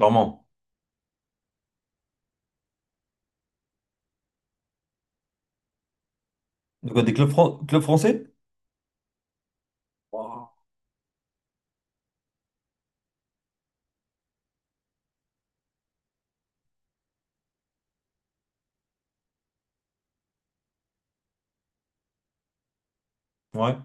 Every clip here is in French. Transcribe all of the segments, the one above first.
Normand. De quoi, des clubs, clubs français? Wow. Ouais.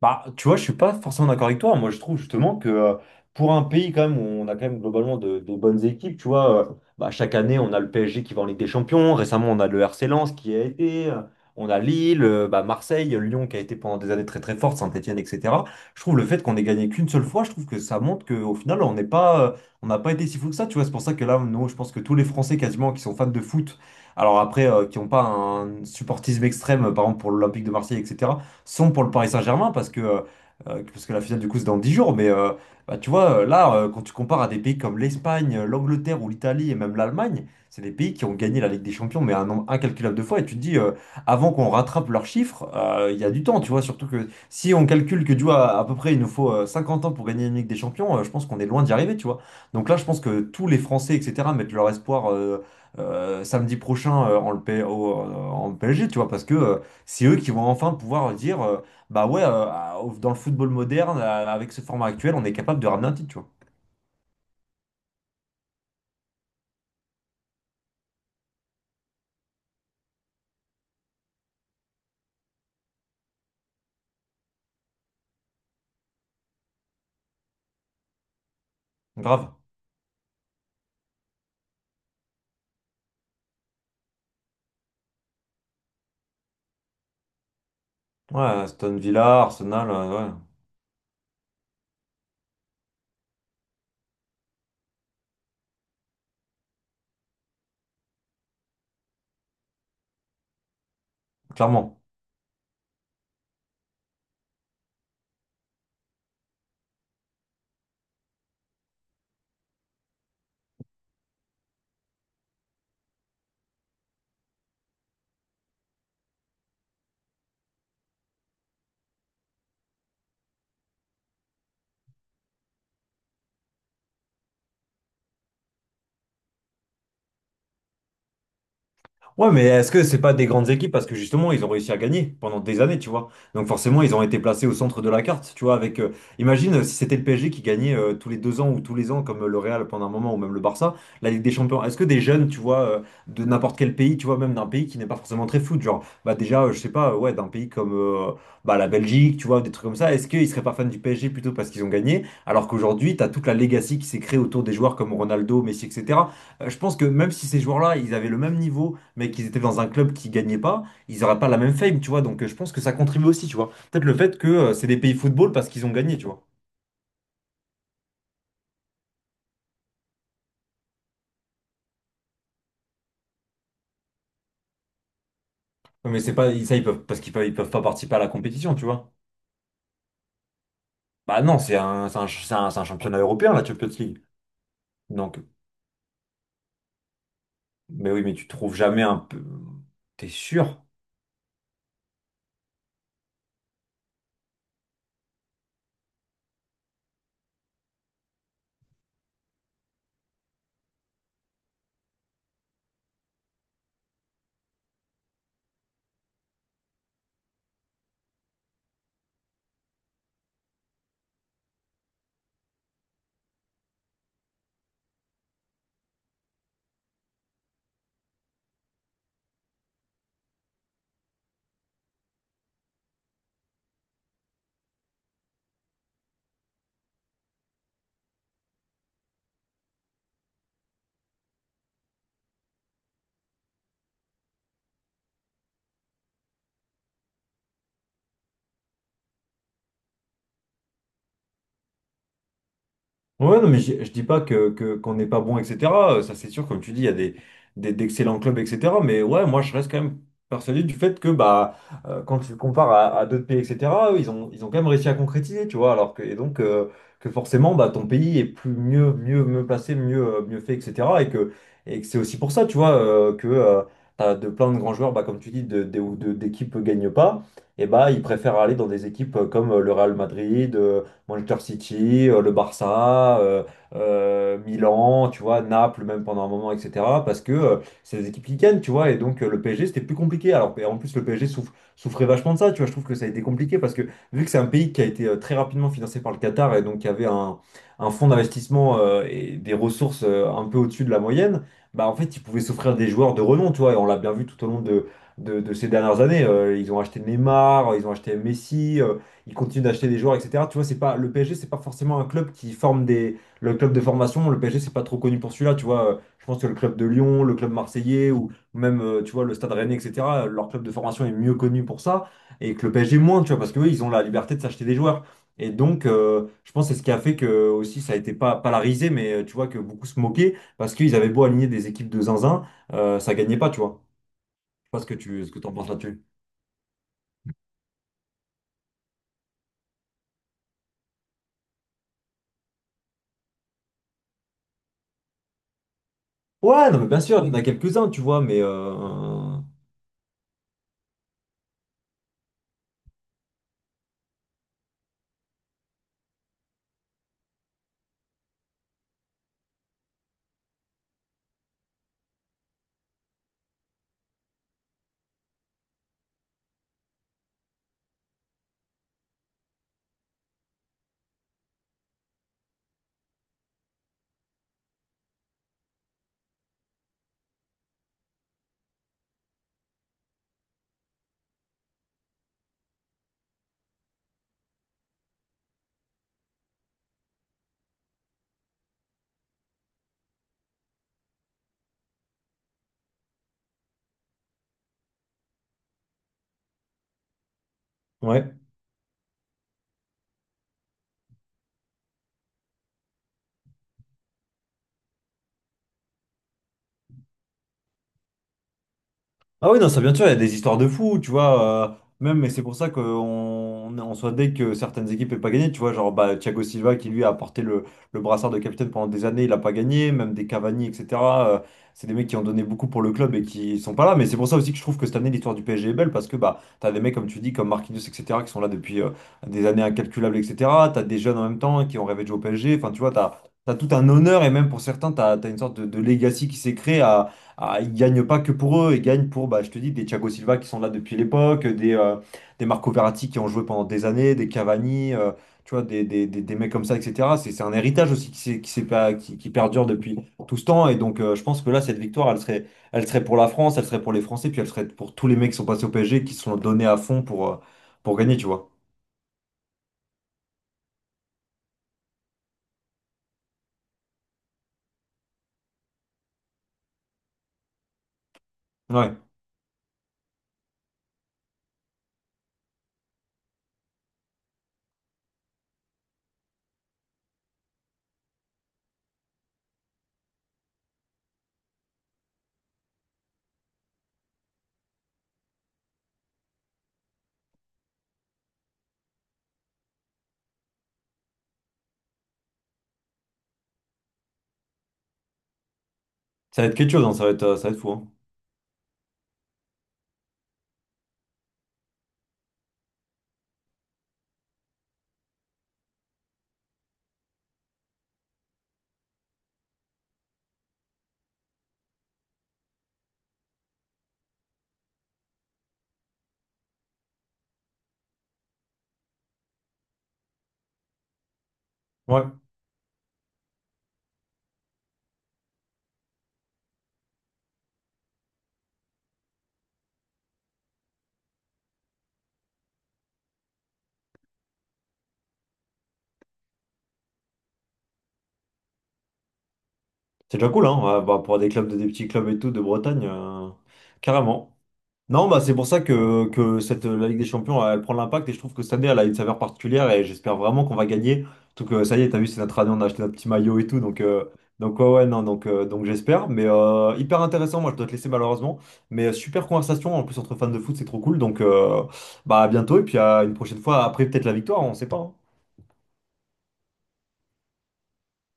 Bah, tu vois, je suis pas forcément d'accord avec toi. Moi, je trouve justement que pour un pays quand même où on a quand même globalement des bonnes équipes, tu vois, bah, chaque année on a le PSG qui va en Ligue des Champions. Récemment, on a le RC Lens qui a été, on a Lille, bah, Marseille, Lyon qui a été pendant des années très très forte, Saint-Etienne, etc. Je trouve le fait qu'on ait gagné qu'une seule fois, je trouve que ça montre qu'au final on n'est pas, on n'a pas été si fou que ça. Tu vois, c'est pour ça que là, nous, je pense que tous les Français quasiment qui sont fans de foot, alors après qui n'ont pas un supportisme extrême, par exemple pour l'Olympique de Marseille, etc. sont pour le Paris Saint-Germain parce que la finale, du coup, c'est dans 10 jours. Mais bah, tu vois, là, quand tu compares à des pays comme l'Espagne, l'Angleterre ou l'Italie et même l'Allemagne, c'est des pays qui ont gagné la Ligue des Champions, mais un nombre incalculable de fois. Et tu te dis, avant qu'on rattrape leurs chiffres, il y a du temps, tu vois. Surtout que si on calcule que, tu vois, à peu près, il nous faut 50 ans pour gagner une Ligue des Champions, je pense qu'on est loin d'y arriver, tu vois. Donc là, je pense que tous les Français, etc., mettent leur espoir samedi prochain en, le P- au- en PSG, tu vois, parce que c'est eux qui vont enfin pouvoir dire, bah ouais, dans le football moderne, avec ce format actuel, on est capable de ramener un titre, tu vois. Grave. Ouais, Aston Villa, Arsenal, ouais, clairement. Ouais, mais est-ce que c'est pas des grandes équipes parce que justement ils ont réussi à gagner pendant des années, tu vois. Donc forcément ils ont été placés au centre de la carte, tu vois. Avec, imagine si c'était le PSG qui gagnait tous les 2 ans ou tous les ans comme le Real pendant un moment ou même le Barça, la Ligue des Champions. Est-ce que des jeunes, tu vois, de n'importe quel pays, tu vois, même d'un pays qui n'est pas forcément très foot, genre, bah déjà, je sais pas, ouais, d'un pays comme bah, la Belgique, tu vois, des trucs comme ça. Est-ce qu'ils seraient pas fans du PSG plutôt parce qu'ils ont gagné, alors qu'aujourd'hui t'as toute la legacy qui s'est créée autour des joueurs comme Ronaldo, Messi, etc. Je pense que même si ces joueurs-là ils avaient le même niveau mais qu'ils étaient dans un club qui gagnait pas, ils n'auraient pas la même fame, tu vois. Donc je pense que ça contribue aussi, tu vois. Peut-être le fait que c'est des pays football parce qu'ils ont gagné, tu vois. Non, mais c'est pas ça, ils peuvent parce qu'ils peuvent, ils peuvent pas participer à la compétition, tu vois. Bah non, c'est un championnat européen, la Champions League. Donc, mais oui, mais tu trouves jamais un peu. T'es sûr? Ouais, non, mais je dis pas que, qu'on n'est pas bon, etc. Ça, c'est sûr, comme tu dis, il y a des, d'excellents clubs, etc. Mais ouais, moi, je reste quand même persuadé du fait que, bah, quand tu le compares à d'autres pays, etc., eux, ils ont quand même réussi à concrétiser, tu vois. Alors que, et donc, que forcément, bah, ton pays est plus mieux, mieux, mieux placé, mieux, mieux fait, etc. Et que c'est aussi pour ça, tu vois, que t'as de plein de grands joueurs, bah, comme tu dis, d'équipes gagnent pas, et bah, ils préfèrent aller dans des équipes comme le Real Madrid. Manchester City, le Barça, Milan, tu vois, Naples même pendant un moment, etc. Parce que c'est des équipes qui gagnent, tu vois, et donc le PSG c'était plus compliqué. Alors et en plus le PSG souffrait vachement de ça, tu vois, je trouve que ça a été compliqué parce que vu que c'est un pays qui a été très rapidement financé par le Qatar et donc qui avait un fonds d'investissement et des ressources un peu au-dessus de la moyenne, bah en fait ils pouvaient s'offrir des joueurs de renom, tu vois, et on l'a bien vu tout au long de ces dernières années. Ils ont acheté Neymar, ils ont acheté Messi. Ils continuent d'acheter des joueurs, etc. Tu vois, c'est pas, le PSG, c'est pas forcément un club qui forme des. Le club de formation, le PSG, c'est pas trop connu pour celui-là. Tu vois, je pense que le club de Lyon, le club marseillais, ou même, tu vois, le Stade Rennais, etc., leur club de formation est mieux connu pour ça, et que le PSG moins, tu vois, parce que eux, ils ont la liberté de s'acheter des joueurs. Et donc, je pense que c'est ce qui a fait que aussi ça a été pas, pas la risée, mais tu vois que beaucoup se moquaient parce qu'ils avaient beau aligner des équipes de zinzin, ça gagnait pas, tu vois. Je sais pas ce que tu, ce que t'en penses là-dessus. Ouais, non, mais bien sûr, il y en a quelques-uns, tu vois, mais ouais. Ah oui, non, ça bien sûr, il y a des histoires de fous, tu vois. Même, mais c'est pour ça qu'on on soit dès que certaines équipes n'aient pas gagné, tu vois. Genre, bah, Thiago Silva qui lui a porté le brassard de capitaine pendant des années, il n'a pas gagné. Même des Cavani, etc. euh, c'est des mecs qui ont donné beaucoup pour le club et qui sont pas là. Mais c'est pour ça aussi que je trouve que cette année, l'histoire du PSG est belle parce que bah, t'as des mecs, comme tu dis, comme Marquinhos, etc., qui sont là depuis des années incalculables, etc. T'as des jeunes en même temps qui ont rêvé de jouer au PSG. Enfin, tu vois, t'as tout un honneur et même pour certains, t'as une sorte de legacy qui s'est créé. Ah, ils gagnent pas que pour eux, ils gagnent pour, bah, je te dis, des Thiago Silva qui sont là depuis l'époque, des Marco Verratti qui ont joué pendant des années, des Cavani, tu vois, des mecs comme ça, etc. C'est un héritage aussi qui, s'est pas- qui perdure depuis tout ce temps. Et donc, je pense que là, cette victoire, elle serait pour la France, elle serait pour les Français, puis elle serait pour tous les mecs qui sont passés au PSG, qui se sont donnés à fond pour gagner, tu vois. Ouais, ça va être quelque chose, hein, ça va être fou. Hein. Ouais, c'est déjà cool, hein, ouais, bah, pour des clubs, des petits clubs et tout de Bretagne, carrément. Non, bah c'est pour ça que, cette, la Ligue des Champions, elle, prend l'impact et je trouve que cette année, elle a une saveur particulière et j'espère vraiment qu'on va gagner. Surtout que ça y est, t'as vu, c'est notre année, on a acheté notre petit maillot et tout, donc ouais, ouais, non, donc j'espère. Mais hyper intéressant, moi je dois te laisser malheureusement. Mais super conversation, en plus entre fans de foot, c'est trop cool. Donc bah à bientôt et puis à une prochaine fois, après peut-être la victoire, on sait pas. Hein.